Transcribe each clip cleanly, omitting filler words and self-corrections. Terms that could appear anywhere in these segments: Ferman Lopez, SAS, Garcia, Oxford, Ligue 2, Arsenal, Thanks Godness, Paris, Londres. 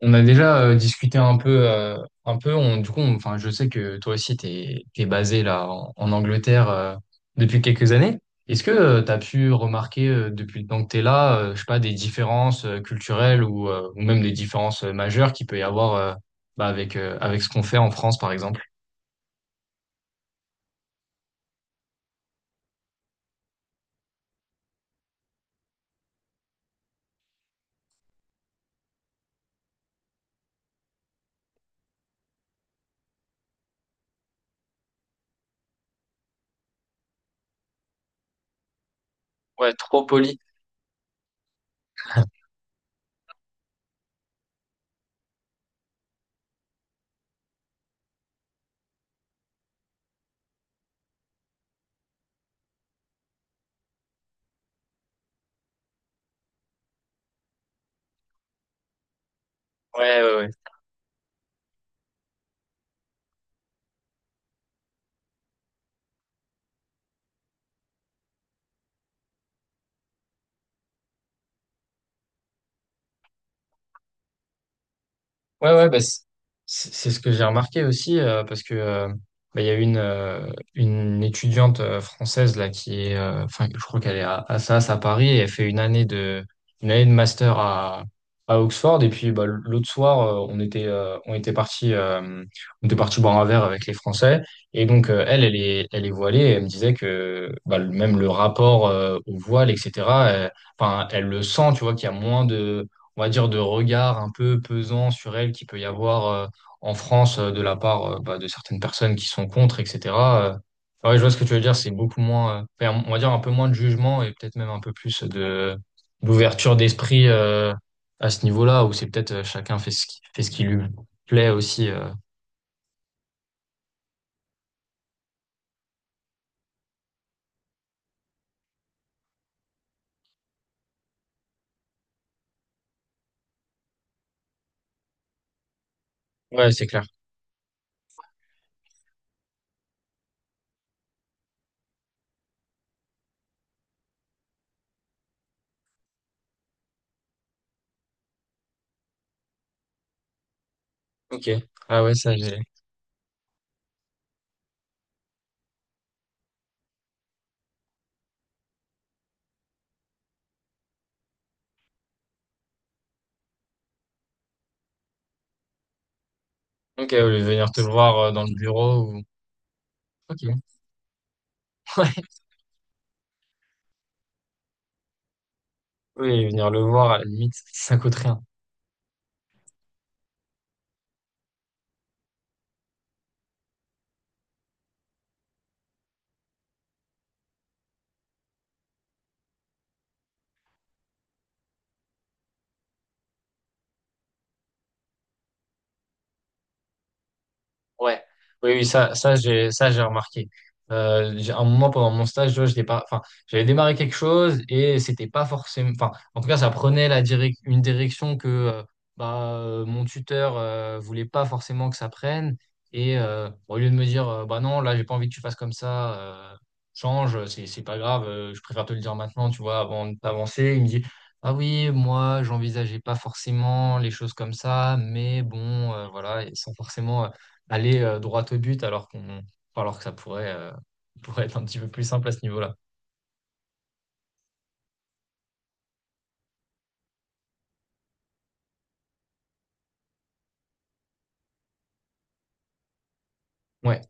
On a déjà discuté un peu. On, du coup, on- enfin, je sais que toi aussi, t'es basé là en Angleterre depuis quelques années. Est-ce que tu as pu remarquer depuis le temps que t'es là, je sais pas, des différences culturelles ou, ou même des différences majeures qu'il peut y avoir bah, avec ce qu'on fait en France, par exemple? Ouais, trop poli. Ouais, ouais, ouais. Ouais, ouais, bah, c'est ce que j'ai remarqué aussi, parce que bah, il y a une étudiante française là qui est, enfin, je crois qu'elle est à SAS à Paris et elle fait une année de master à Oxford. Et puis bah, l'autre soir, on était parti boire un verre avec les Français. Et donc elle est voilée. Et elle me disait que bah, même le rapport au voile, etc. euh, Enfin, elle le sent, tu vois, qu'il y a moins de on va dire, de regard un peu pesant sur elle qu'il peut y avoir en France de la part bah, de certaines personnes qui sont contre, etc. Euh, ah ouais, je vois ce que tu veux dire, c'est beaucoup moins, enfin, on va dire un peu moins de jugement et peut-être même un peu plus de d'ouverture d'esprit à ce niveau-là, où c'est peut-être chacun fait ce qui lui plaît aussi. Ouais, c'est clair. Ok. Ah ouais, ça, j'ai. Ok, au lieu de venir te le voir dans le bureau ou. Ok. Ouais. Oui, venir le voir, à la limite, ça coûte rien. Ouais, oui, oui, j'ai remarqué. À un moment pendant mon stage, je vois, j'étais pas, enfin, j'avais démarré quelque chose et c'était pas forcément, enfin, en tout cas, ça prenait la une direction que, mon tuteur, voulait pas forcément que ça prenne. Et, au lieu de me dire, bah non, là, j'ai pas envie que tu fasses comme ça, euh, change, c'est pas grave, je préfère te le dire maintenant, tu vois, avant d'avancer. Il me dit, ah oui, moi, j'envisageais pas forcément les choses comme ça, mais bon, voilà, et sans forcément, aller droit au but alors que ça pourrait, pourrait être un petit peu plus simple à ce niveau-là. Ouais.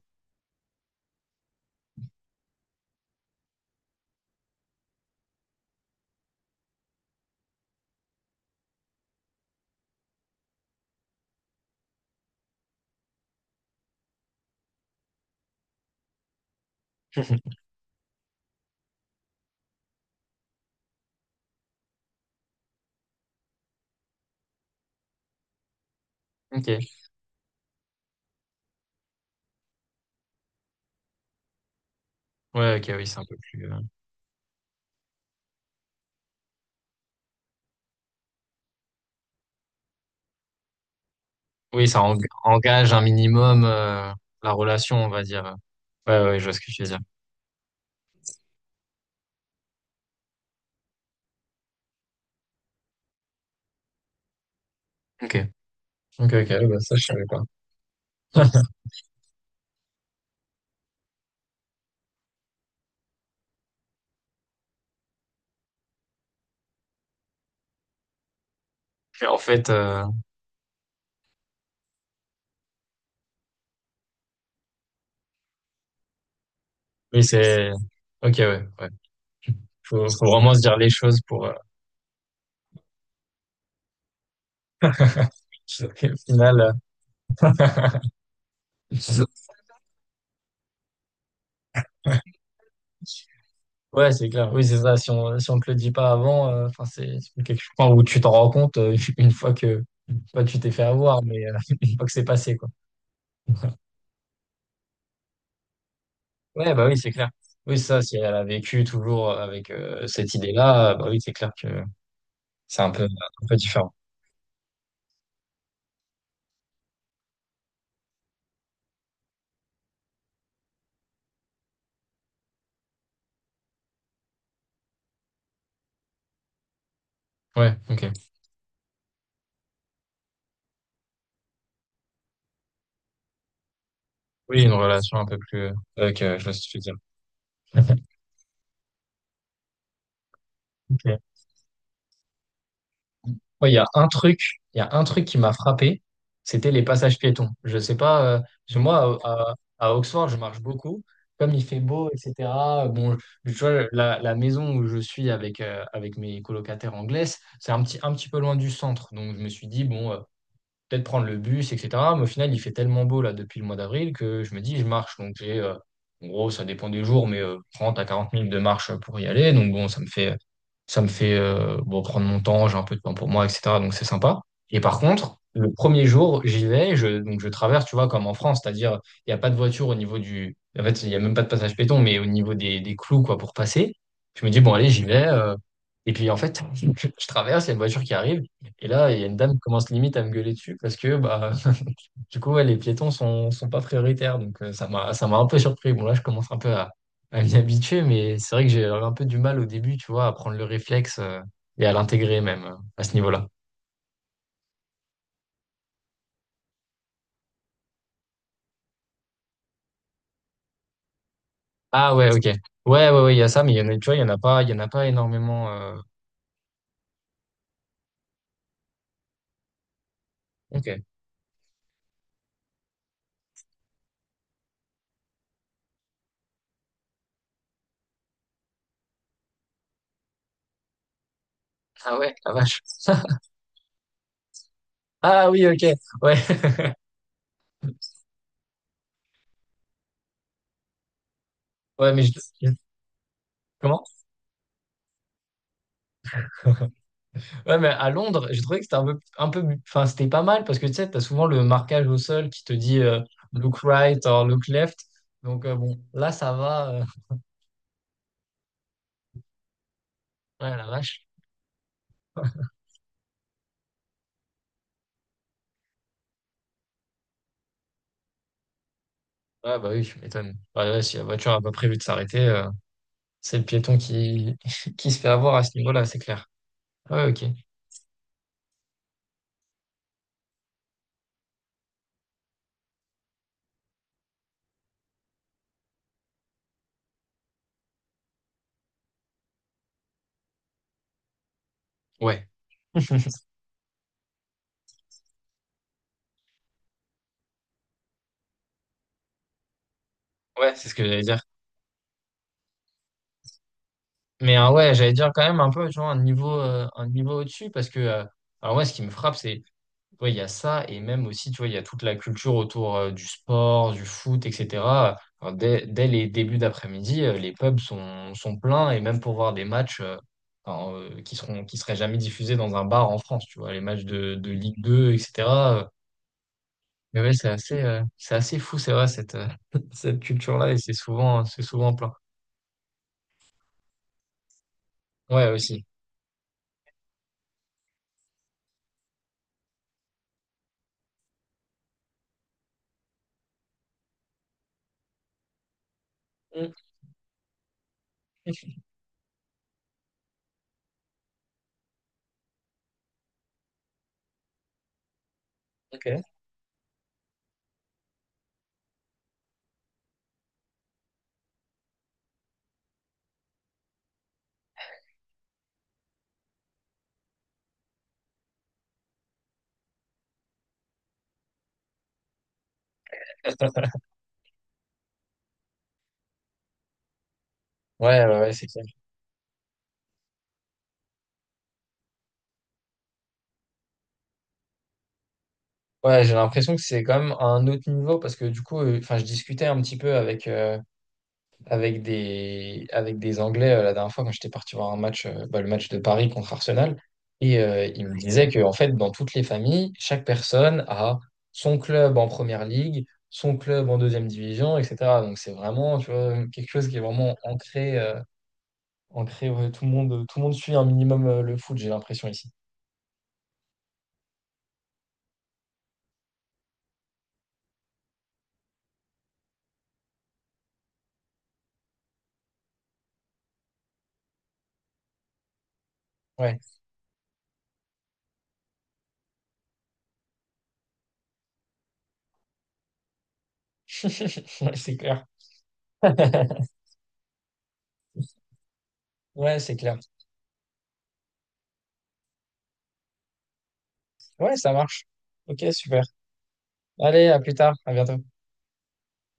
Ok. Ouais, ok, oui, c'est un peu plus. Oui, ça engage un minimum la relation, on va dire. Ouais, ouais, je vois ce que tu veux dire. Ok. Ok, ok, bah, ça, je savais pas. Mais en fait, oui, c'est. Ok, ouais, ouais. Faut vraiment se dire les choses pour. Au final, euh, Ouais, c'est clair. Oui, c'est ça. Si on te le dit pas avant, enfin, c'est quelque chose enfin, où tu t'en rends compte une fois que pas tu t'es fait avoir, mais une fois que c'est passé, quoi. Ouais, bah oui, c'est clair. Oui, ça, si elle a vécu toujours avec cette idée-là, bah oui, c'est clair que c'est un peu différent. Ouais, ok. Oui, une relation un peu plus, ok, ouais, je vois ce que tu veux dire. Ouais, il y a un truc qui m'a frappé, c'était les passages piétons. Je sais pas, parce que moi, à Oxford, je marche beaucoup. Comme il fait beau, etc. Bon, tu vois, la maison où je suis avec, avec mes colocataires anglaises, c'est un petit peu loin du centre. Donc, je me suis dit, bon, peut-être prendre le bus, etc. Mais au final, il fait tellement beau là depuis le mois d'avril que je me dis, je marche. En gros, ça dépend des jours, mais 30 à 40 minutes de marche pour y aller. Donc bon, ça me fait bon, prendre mon temps, j'ai un peu de temps pour moi, etc. Donc c'est sympa. Et par contre, le premier jour, j'y vais, donc je traverse, tu vois, comme en France, c'est-à-dire, il n'y a pas de voiture au niveau du. En fait, il n'y a même pas de passage péton, mais au niveau des clous, quoi, pour passer. Je me dis, bon, allez, j'y vais. Et puis en fait, je traverse, il y a une voiture qui arrive, et là, il y a une dame qui commence limite à me gueuler dessus parce que bah du coup ouais, les piétons sont pas prioritaires. Donc ça m'a un peu surpris. Bon là je commence un peu à m'y habituer, mais c'est vrai que j'ai un peu du mal au début, tu vois, à prendre le réflexe et à l'intégrer même à ce niveau-là. Ah ouais, ok. Ouais, ouais, ouais, il y a ça, mais il y en a, tu vois, il y en a pas énormément. Ok. Ah ouais, la vache. Ah oui, ok. Ouais, ouais, mais je- comment? Ouais, mais à Londres, j'ai trouvé que c'était un peu, enfin, c'était pas mal parce que tu sais, t'as souvent le marquage au sol qui te dit look right or look left. Donc, bon, là, ça va. Ouais, la vache. Ouais, bah oui, je m'étonne. Ouais, ouais, si la voiture n'a pas prévu de s'arrêter, c'est le piéton qui, qui se fait avoir à ce niveau-là, c'est clair. Ouais, ok. Ouais, ouais, c'est ce que j'allais dire. Mais ouais, j'allais dire quand même un peu, tu vois, un niveau au-dessus parce que, alors, moi, ce qui me frappe, c'est Ouais, il y a ça, et même aussi, tu vois, il y a toute la culture autour du sport, du foot, etc. Enfin, dès les débuts d'après-midi, les pubs sont pleins, et même pour voir des matchs qui seraient jamais diffusés dans un bar en France, tu vois, les matchs de Ligue 2, etc. euh, Mais ouais, c'est assez fou, c'est vrai, cette, cette culture-là, et c'est souvent plein. Ouais, aussi. Mm, ok. Ouais, ouais, ouais, c'est clair. Ouais, j'ai l'impression que c'est quand même à un autre niveau parce que du coup, enfin, je discutais un petit peu avec des Anglais la dernière fois quand j'étais parti voir un match, bah, le match de Paris contre Arsenal. Et il me disait que, en fait, dans toutes les familles, chaque personne a son club en première ligue, son club en deuxième division, etc. Donc c'est vraiment, tu vois, quelque chose qui est vraiment ancré, ouais, tout le monde suit un minimum le foot, j'ai l'impression ici. Ouais, ouais, c'est clair. Ouais, c'est clair. Ouais, ça marche. Ok, super. Allez, à plus tard, à bientôt.